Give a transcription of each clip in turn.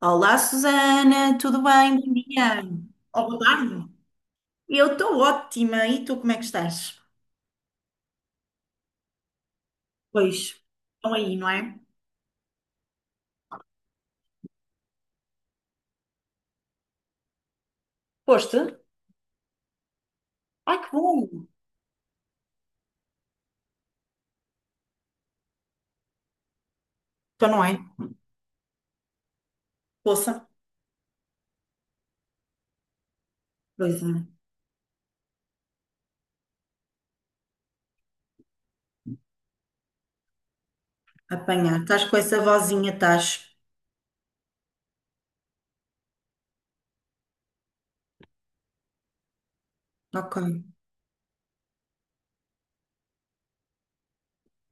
Olá, Susana, tudo bem? Bom dia. Ou boa tarde. Eu estou ótima. E tu, como é que estás? Pois, estão aí, não é? Foste? Ai, que bom. Então não é? Poça. Pois é. Apanhar. Estás com essa vozinha, estás. Ok.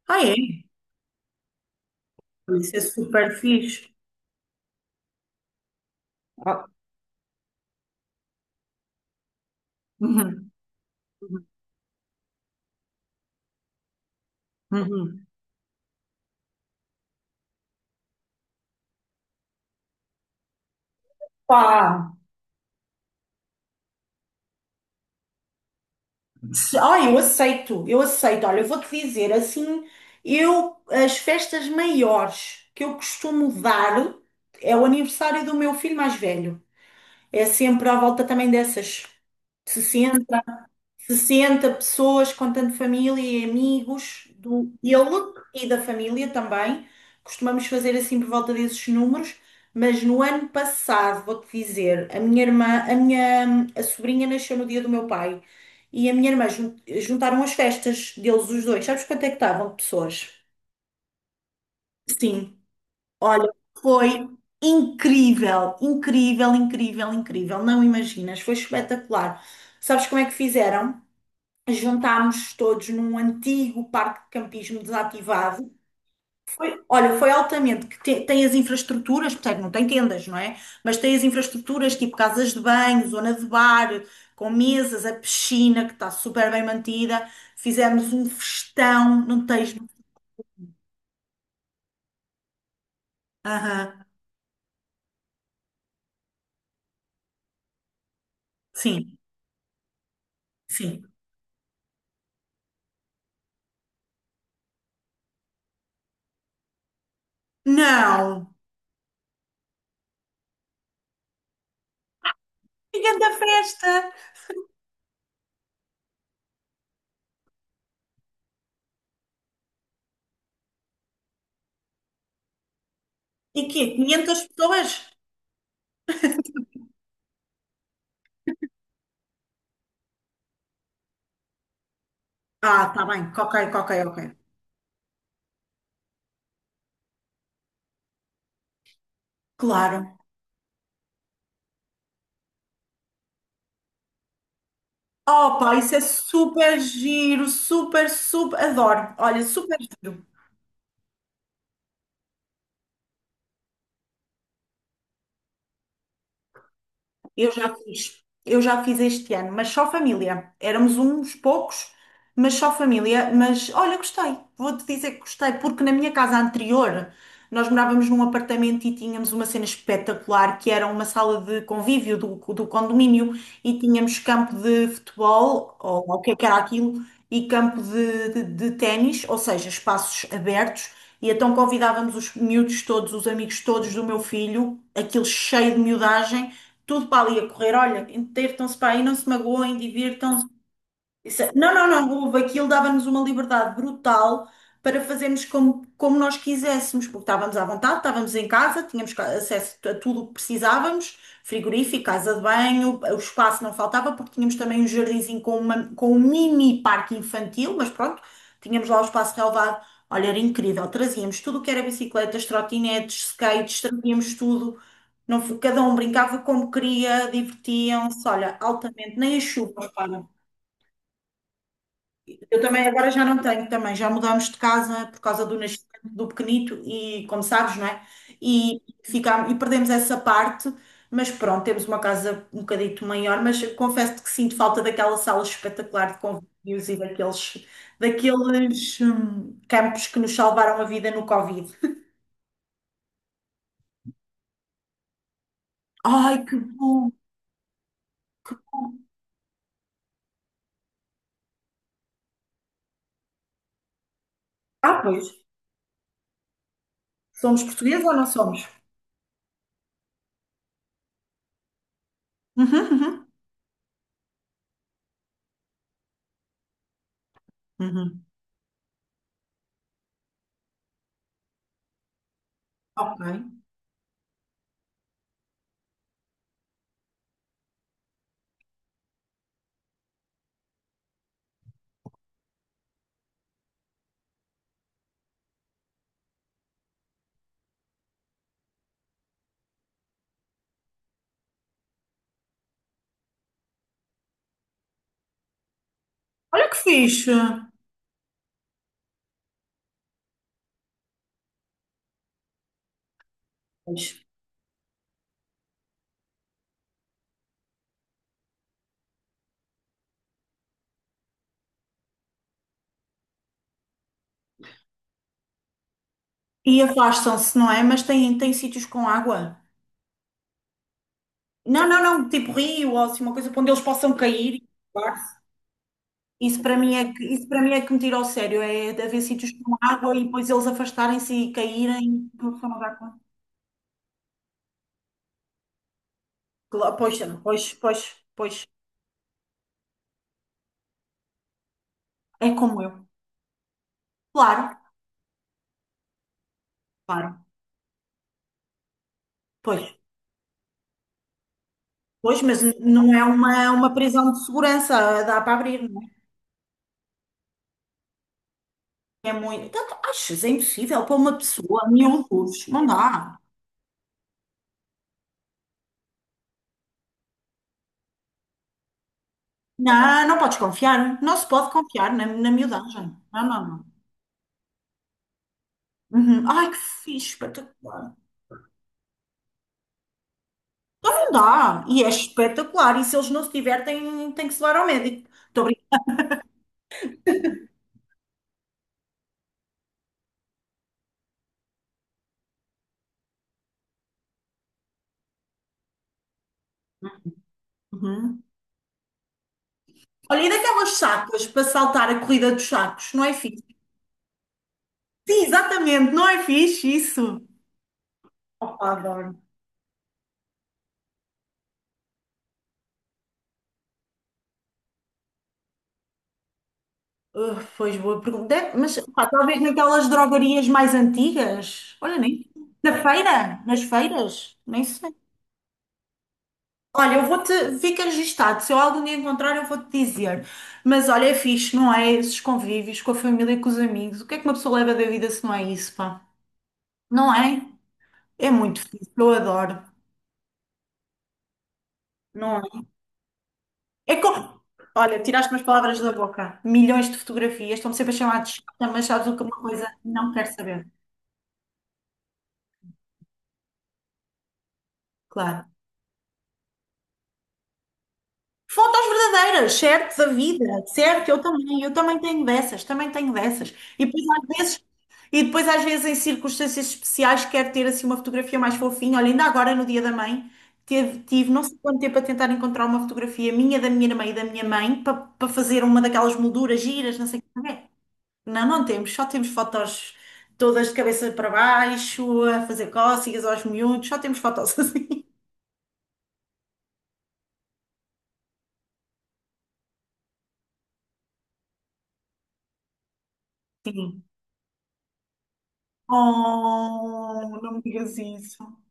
Ah, é? Isso é super fixe. Ah. Uhum. Uhum. Pá, eu aceito, eu aceito. Olha, eu vou-te dizer assim, eu as festas maiores que eu costumo dar é o aniversário do meu filho mais velho. É sempre à volta também dessas 60, 60 pessoas, contando família e amigos do ele e da família também. Costumamos fazer assim por volta desses números, mas no ano passado, vou-te dizer, a minha irmã, a minha a sobrinha nasceu no dia do meu pai e a minha irmã juntaram as festas deles os dois. Sabes quanto é que estavam de pessoas? Sim, olha, foi incrível, incrível, incrível, incrível. Não imaginas, foi espetacular. Sabes como é que fizeram? Juntámos todos num antigo parque de campismo desativado. Foi, olha, foi altamente, tem as infraestruturas, portanto, não tem tendas, não é? Mas tem as infraestruturas tipo casas de banho, zona de bar, com mesas, a piscina que está super bem mantida. Fizemos um festão, não tens. Aham, sim, sim. Não! Que grande festa! E quê? 500 pessoas? Ah, tá bem, ok, ok, ok. Claro. Opa, isso é super giro, super, super, adoro. Olha, super giro. Eu já fiz este ano, mas só família. Éramos uns poucos, mas só família. Mas olha, gostei, vou-te dizer que gostei, porque na minha casa anterior nós morávamos num apartamento e tínhamos uma cena espetacular que era uma sala de convívio do, do condomínio e tínhamos campo de futebol, ou o que é que era aquilo, e campo de ténis, ou seja, espaços abertos. E então convidávamos os miúdos todos, os amigos todos do meu filho, aquilo cheio de miudagem tudo para ali a correr. Olha, entretam-se para aí, não se magoem, divirtam-se. Não, não, não, houve. Aquilo dava-nos uma liberdade brutal para fazermos como, como nós quiséssemos, porque estávamos à vontade, estávamos em casa, tínhamos acesso a tudo o que precisávamos, frigorífico, casa de banho, o espaço não faltava, porque tínhamos também um jardinzinho com, com um mini parque infantil, mas pronto, tínhamos lá o espaço relevado. Olha, era incrível, trazíamos tudo o que era bicicletas, trotinetes, skates, trazíamos tudo. Não, cada um brincava como queria, divertiam-se, olha, altamente, nem a chuva, eu também agora já não tenho também, já mudámos de casa por causa do nascimento do pequenito e como sabes, não é? E, ficámos, e perdemos essa parte, mas pronto, temos uma casa um bocadito maior, mas confesso que sinto falta daquela sala espetacular de convívios e daqueles, daqueles campos que nos salvaram a vida no Covid. Ai, que bom! Ah, pois, somos portugueses ou não somos? Uhum, uhum, uhum. Ok. Olha que fixe! Pois. E afastam-se, não é? Mas têm, têm sítios com água. Não, não, não, tipo rio ou assim, uma coisa para onde eles possam cair e salvar-se. Isso para mim é que, isso para mim é que me tira ao sério, é de haver sítios com água e depois eles afastarem-se e caírem. E uma pessoa não dá conta. Claro. Pois, pois, pois, pois. É como eu. Claro, claro. Pois, pois, mas não é uma prisão de segurança, dá para abrir, não é? É muito. Então, achas, é impossível para uma pessoa, miúdos, não dá. Não, não podes confiar. Não se pode confiar na, na miudagem. Não, não, não. Uhum. Ai, que fixe, espetacular. Não dá. E é espetacular. E se eles não se divertem, tem que se levar ao médico. Estou brincando. Uhum. Olha, e daquelas sacas para saltar a corrida dos sacos? Não é fixe? Sim, exatamente. Não é fixe isso. Opa, adoro. Pois boa pergunta. Deve- mas pá, talvez naquelas drogarias mais antigas. Olha, nem. Na feira? Nas feiras? Nem sei. Olha, eu vou-te, fica registado. Se eu algum dia encontrar, eu vou-te dizer. Mas olha, é fixe, não é? Esses convívios com a família e com os amigos. O que é que uma pessoa leva da vida se não é isso, pá? Não é? É muito fixe, eu adoro. Não é? É como... Olha, tiraste umas palavras da boca. Milhões de fotografias, estão sempre a chamar de chata, mas sabes o que é uma coisa? Não quero saber. Claro. Fotos verdadeiras, certo? Da vida, certo? Eu também tenho dessas, também tenho dessas. E depois às vezes, e depois às vezes em circunstâncias especiais quero ter assim uma fotografia mais fofinha. Olha, ainda agora no Dia da Mãe teve, tive não sei quanto tempo a tentar encontrar uma fotografia minha, da minha irmã e da minha mãe para para fazer uma daquelas molduras giras, não sei o que é. Não, não temos, só temos fotos todas de cabeça para baixo, a fazer cócegas aos miúdos, só temos fotos assim. Oh, não me digas isso.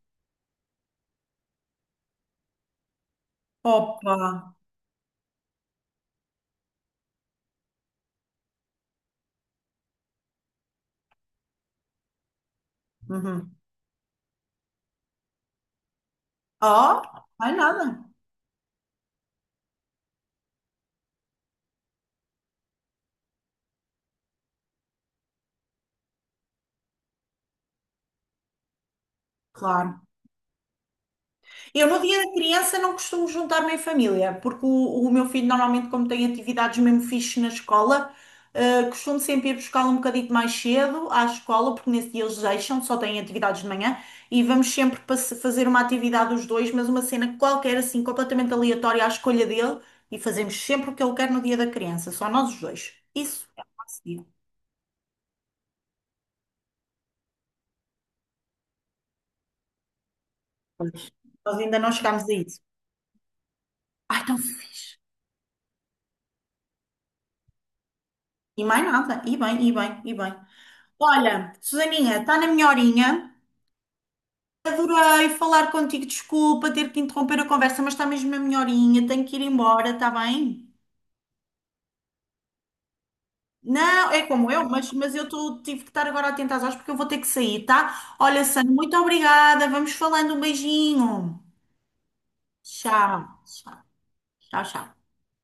Opa! Uhum. Oh, não é nada, claro. Eu no dia da criança não costumo juntar-me em família, porque o meu filho normalmente, como tem atividades mesmo fixe na escola, costumo sempre ir buscá-lo um bocadinho mais cedo à escola, porque nesse dia eles deixam, só têm atividades de manhã, e vamos sempre fazer uma atividade os dois, mas uma cena qualquer, assim, completamente aleatória à escolha dele, e fazemos sempre o que ele quer no dia da criança, só nós os dois. Isso é o. Nós ainda não chegámos a isso. Ai, tão fixe. E mais nada. E bem, e bem, e bem. Olha, Susaninha, está na minha horinha. Adorei falar contigo. Desculpa ter que interromper a conversa, mas está mesmo na minha horinha. Tenho que ir embora, está bem? Não, é como eu, mas eu tô, tive que estar agora atenta às horas porque eu vou ter que sair, tá? Olha, Sandra, muito obrigada. Vamos falando. Um beijinho. Tchau, tchau, tchau, tchau.